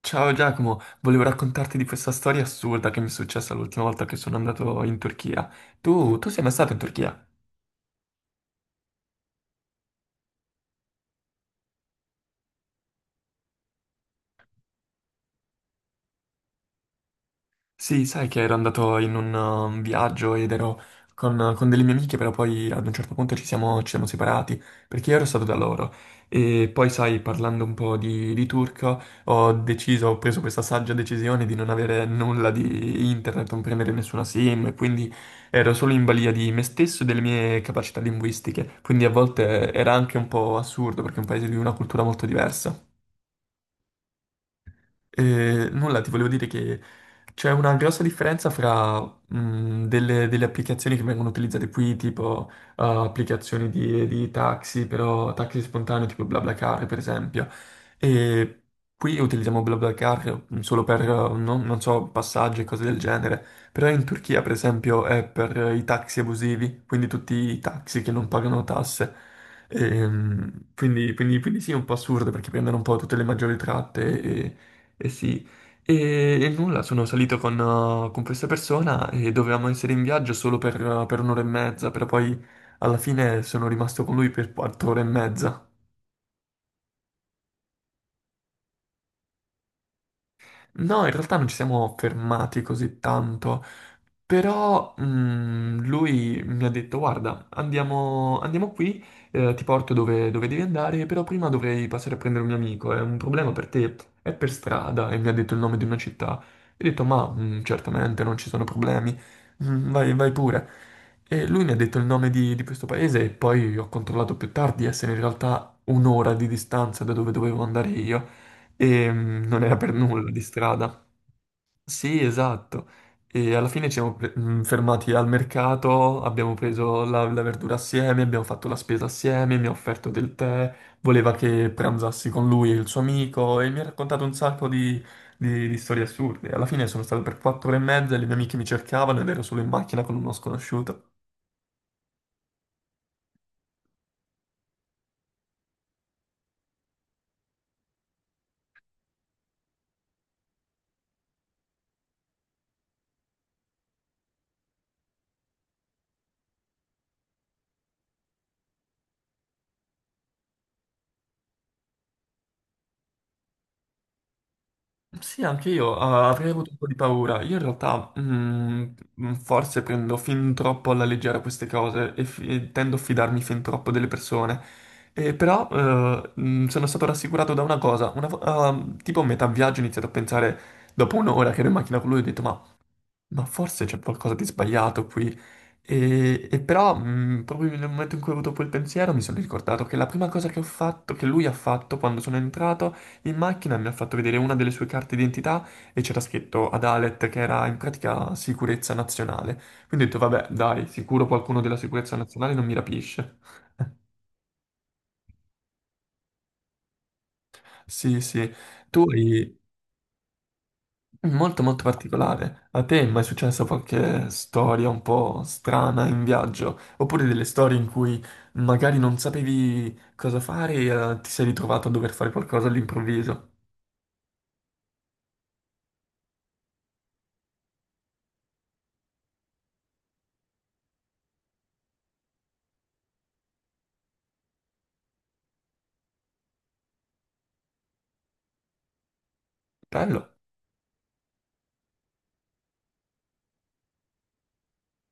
Ciao Giacomo, volevo raccontarti di questa storia assurda che mi è successa l'ultima volta che sono andato in Turchia. Tu sei mai stato in Turchia? Sì, sai che ero andato in un viaggio ed ero con delle mie amiche, però poi ad un certo punto ci siamo separati perché io ero stato da loro. E poi, sai, parlando un po' di turco, ho deciso, ho preso questa saggia decisione di non avere nulla di internet, non prendere nessuna SIM, e quindi ero solo in balia di me stesso e delle mie capacità linguistiche. Quindi a volte era anche un po' assurdo perché è un paese di una cultura molto diversa. Nulla, ti volevo dire che c'è una grossa differenza fra delle applicazioni che vengono utilizzate qui, tipo applicazioni di taxi, però taxi spontaneo, tipo BlaBlaCar, per esempio. E qui utilizziamo BlaBlaCar solo per, non so, passaggi e cose del genere. Però in Turchia, per esempio, è per i taxi abusivi, quindi tutti i taxi che non pagano tasse. Quindi sì, è un po' assurdo perché prendono un po' tutte le maggiori tratte, eh sì, e nulla, sono salito con questa persona e dovevamo essere in viaggio solo per un'ora e mezza, però poi alla fine sono rimasto con lui per quattro ore e mezza. No, in realtà non ci siamo fermati così tanto. Però lui mi ha detto: guarda, andiamo, andiamo qui, ti porto dove devi andare, però prima dovrei passare a prendere un mio amico, è un problema per te, è per strada, e mi ha detto il nome di una città. E ho detto: ma certamente non ci sono problemi. Vai, vai pure. E lui mi ha detto il nome di questo paese e poi ho controllato più tardi, essere in realtà un'ora di distanza da dove dovevo andare io, e non era per nulla di strada. Sì, esatto. E alla fine ci siamo fermati al mercato, abbiamo preso la verdura assieme, abbiamo fatto la spesa assieme, mi ha offerto del tè, voleva che pranzassi con lui e il suo amico e mi ha raccontato un sacco di storie assurde. Alla fine sono stato per quattro ore e mezza e le mie amiche mi cercavano ed ero solo in macchina con uno sconosciuto. Sì, anche io avrei avuto un po' di paura. Io in realtà forse prendo fin troppo alla leggera queste cose e tendo a fidarmi fin troppo delle persone. E però sono stato rassicurato da una cosa. Tipo a metà viaggio ho iniziato a pensare, dopo un'ora che ero in macchina con lui, ho detto: ma forse c'è qualcosa di sbagliato qui. E però, proprio nel momento in cui ho avuto quel pensiero, mi sono ricordato che la prima cosa che ho fatto, che lui ha fatto quando sono entrato in macchina, mi ha fatto vedere una delle sue carte d'identità, e c'era scritto Adalet, che era in pratica sicurezza nazionale. Quindi ho detto: vabbè, dai, sicuro qualcuno della sicurezza nazionale non mi rapisce. Sì, sì. Tu hai... Molto molto particolare. A te è mai successa qualche storia un po' strana in viaggio? Oppure delle storie in cui magari non sapevi cosa fare e ti sei ritrovato a dover fare qualcosa all'improvviso? Bello.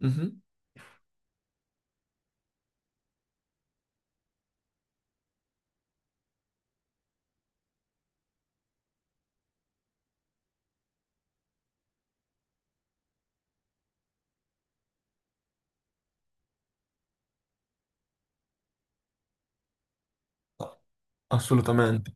Mhm. No. Assolutamente.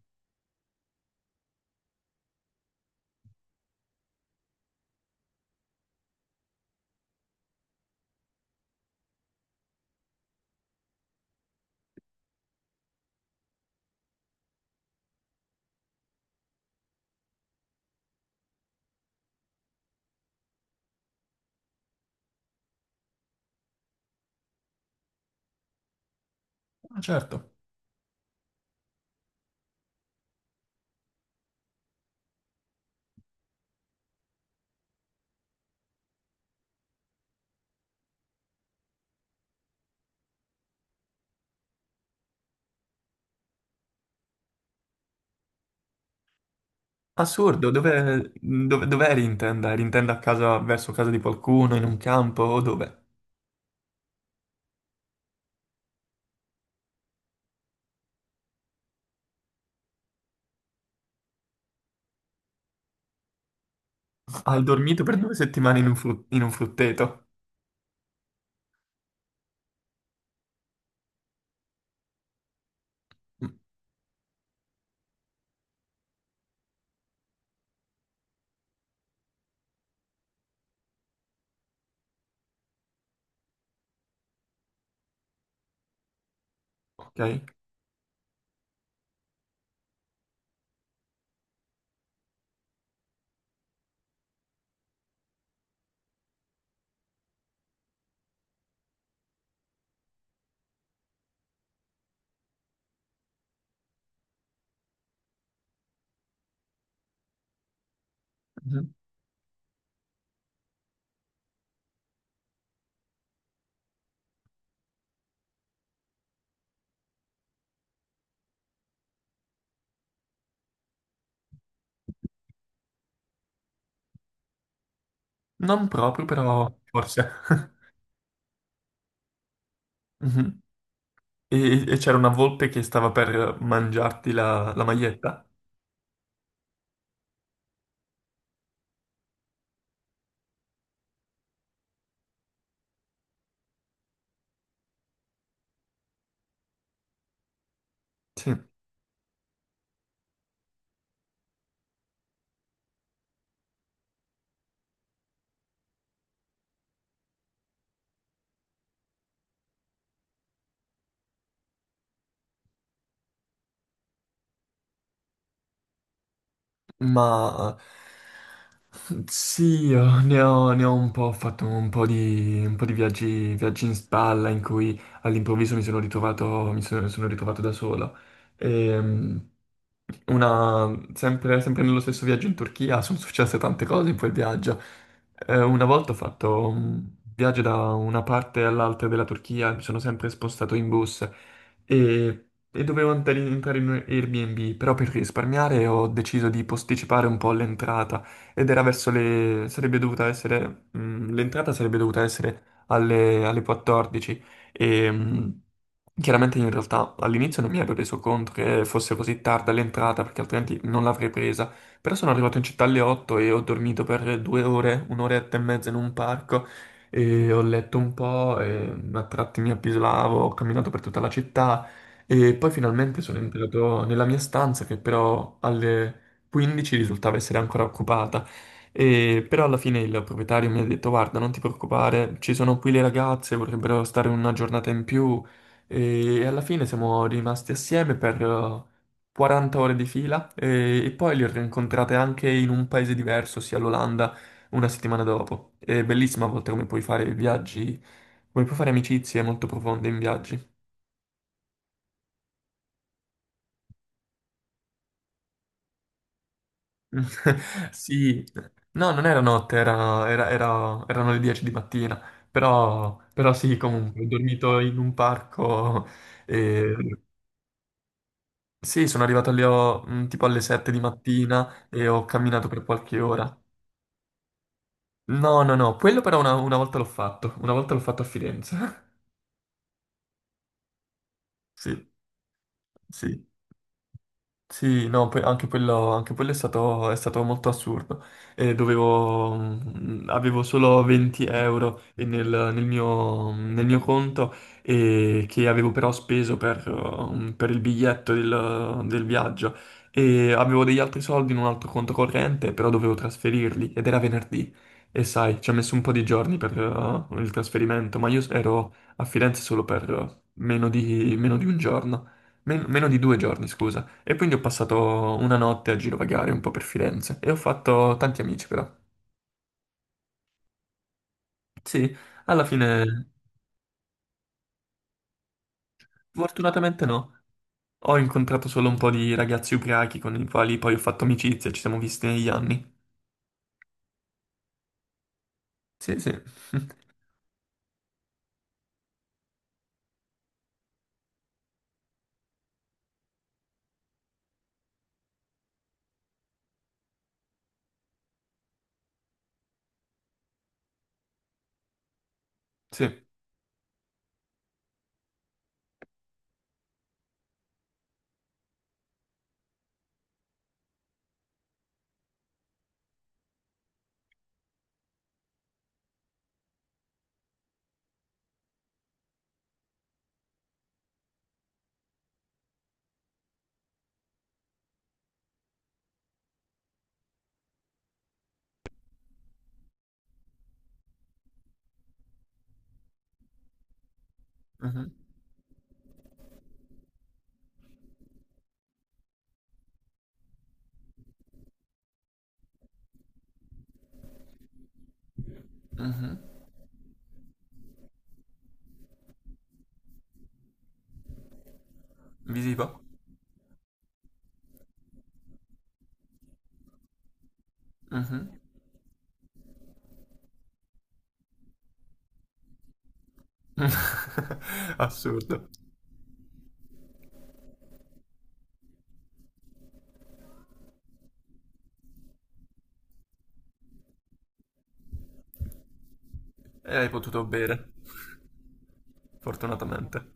Ah, certo. Assurdo. Dove eri in tenda? Eri in tenda a casa, verso casa di qualcuno, in un campo o dove? Hai dormito per due settimane in un frutteto? Mm. Ok. Mhm. Non proprio, però forse. Mhm. E c'era una volpe che stava per mangiarti la maglietta? Sì, ma sì, io ne ho un po', ho fatto un po' di viaggi in spalla in cui all'improvviso mi sono ritrovato da solo. Ehm, sempre nello stesso viaggio in Turchia sono successe tante cose in quel viaggio. Una volta ho fatto un viaggio da una parte all'altra della Turchia, mi sono sempre spostato in bus e dovevo entrare in un Airbnb, però per risparmiare ho deciso di posticipare un po' l'entrata ed era verso le, sarebbe dovuta essere, l'entrata sarebbe dovuta essere alle 14 e, chiaramente in realtà all'inizio non mi ero reso conto che fosse così tarda l'entrata, perché altrimenti non l'avrei presa, però sono arrivato in città alle 8 e ho dormito per due ore, un'oretta e mezza in un parco, e ho letto un po', e a tratti mi appisolavo, ho camminato per tutta la città e poi finalmente sono entrato nella mia stanza, che però alle 15 risultava essere ancora occupata. E però alla fine il proprietario mi ha detto: guarda, non ti preoccupare, ci sono qui le ragazze, vorrebbero stare una giornata in più. E alla fine siamo rimasti assieme per 40 ore di fila, e poi li ho rincontrate anche in un paese diverso, ossia l'Olanda, una settimana dopo. È bellissima a volte come puoi fare viaggi, come puoi fare amicizie molto profonde in viaggi. Sì, no, non era notte, erano le 10 di mattina, però sì, comunque, ho dormito in un parco e, sì, sono arrivato lì tipo alle 7 di mattina e ho camminato per qualche ora. No, no, no, quello però una volta l'ho fatto, una volta l'ho fatto a Firenze. Sì, sì. Sì, no, anche quello è stato, molto assurdo. Avevo solo 20 € nel mio conto, e che avevo però speso per il biglietto del viaggio, e avevo degli altri soldi in un altro conto corrente, però dovevo trasferirli ed era venerdì, e sai, ci ha messo un po' di giorni per il trasferimento, ma io ero a Firenze solo per meno di un giorno. Meno di due giorni, scusa. E quindi ho passato una notte a girovagare un po' per Firenze e ho fatto tanti amici però. Sì, alla fine, fortunatamente no. Ho incontrato solo un po' di ragazzi ubriachi con i quali poi ho fatto amicizia, ci siamo visti negli anni. Sì, sì. Sì. Mhm, mhm. Visivo. Mhm. Assurdo. E hai potuto bere, fortunatamente.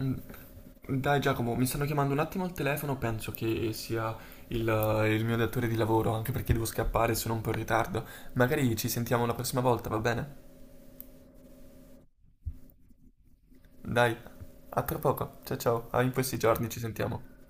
Mm. Dai Giacomo, mi stanno chiamando un attimo al telefono, penso che sia il, il mio datore di lavoro, anche perché devo scappare, sono un po' in ritardo. Magari ci sentiamo la prossima volta, va bene? Dai, a tra poco. Ciao ciao, in questi giorni ci sentiamo.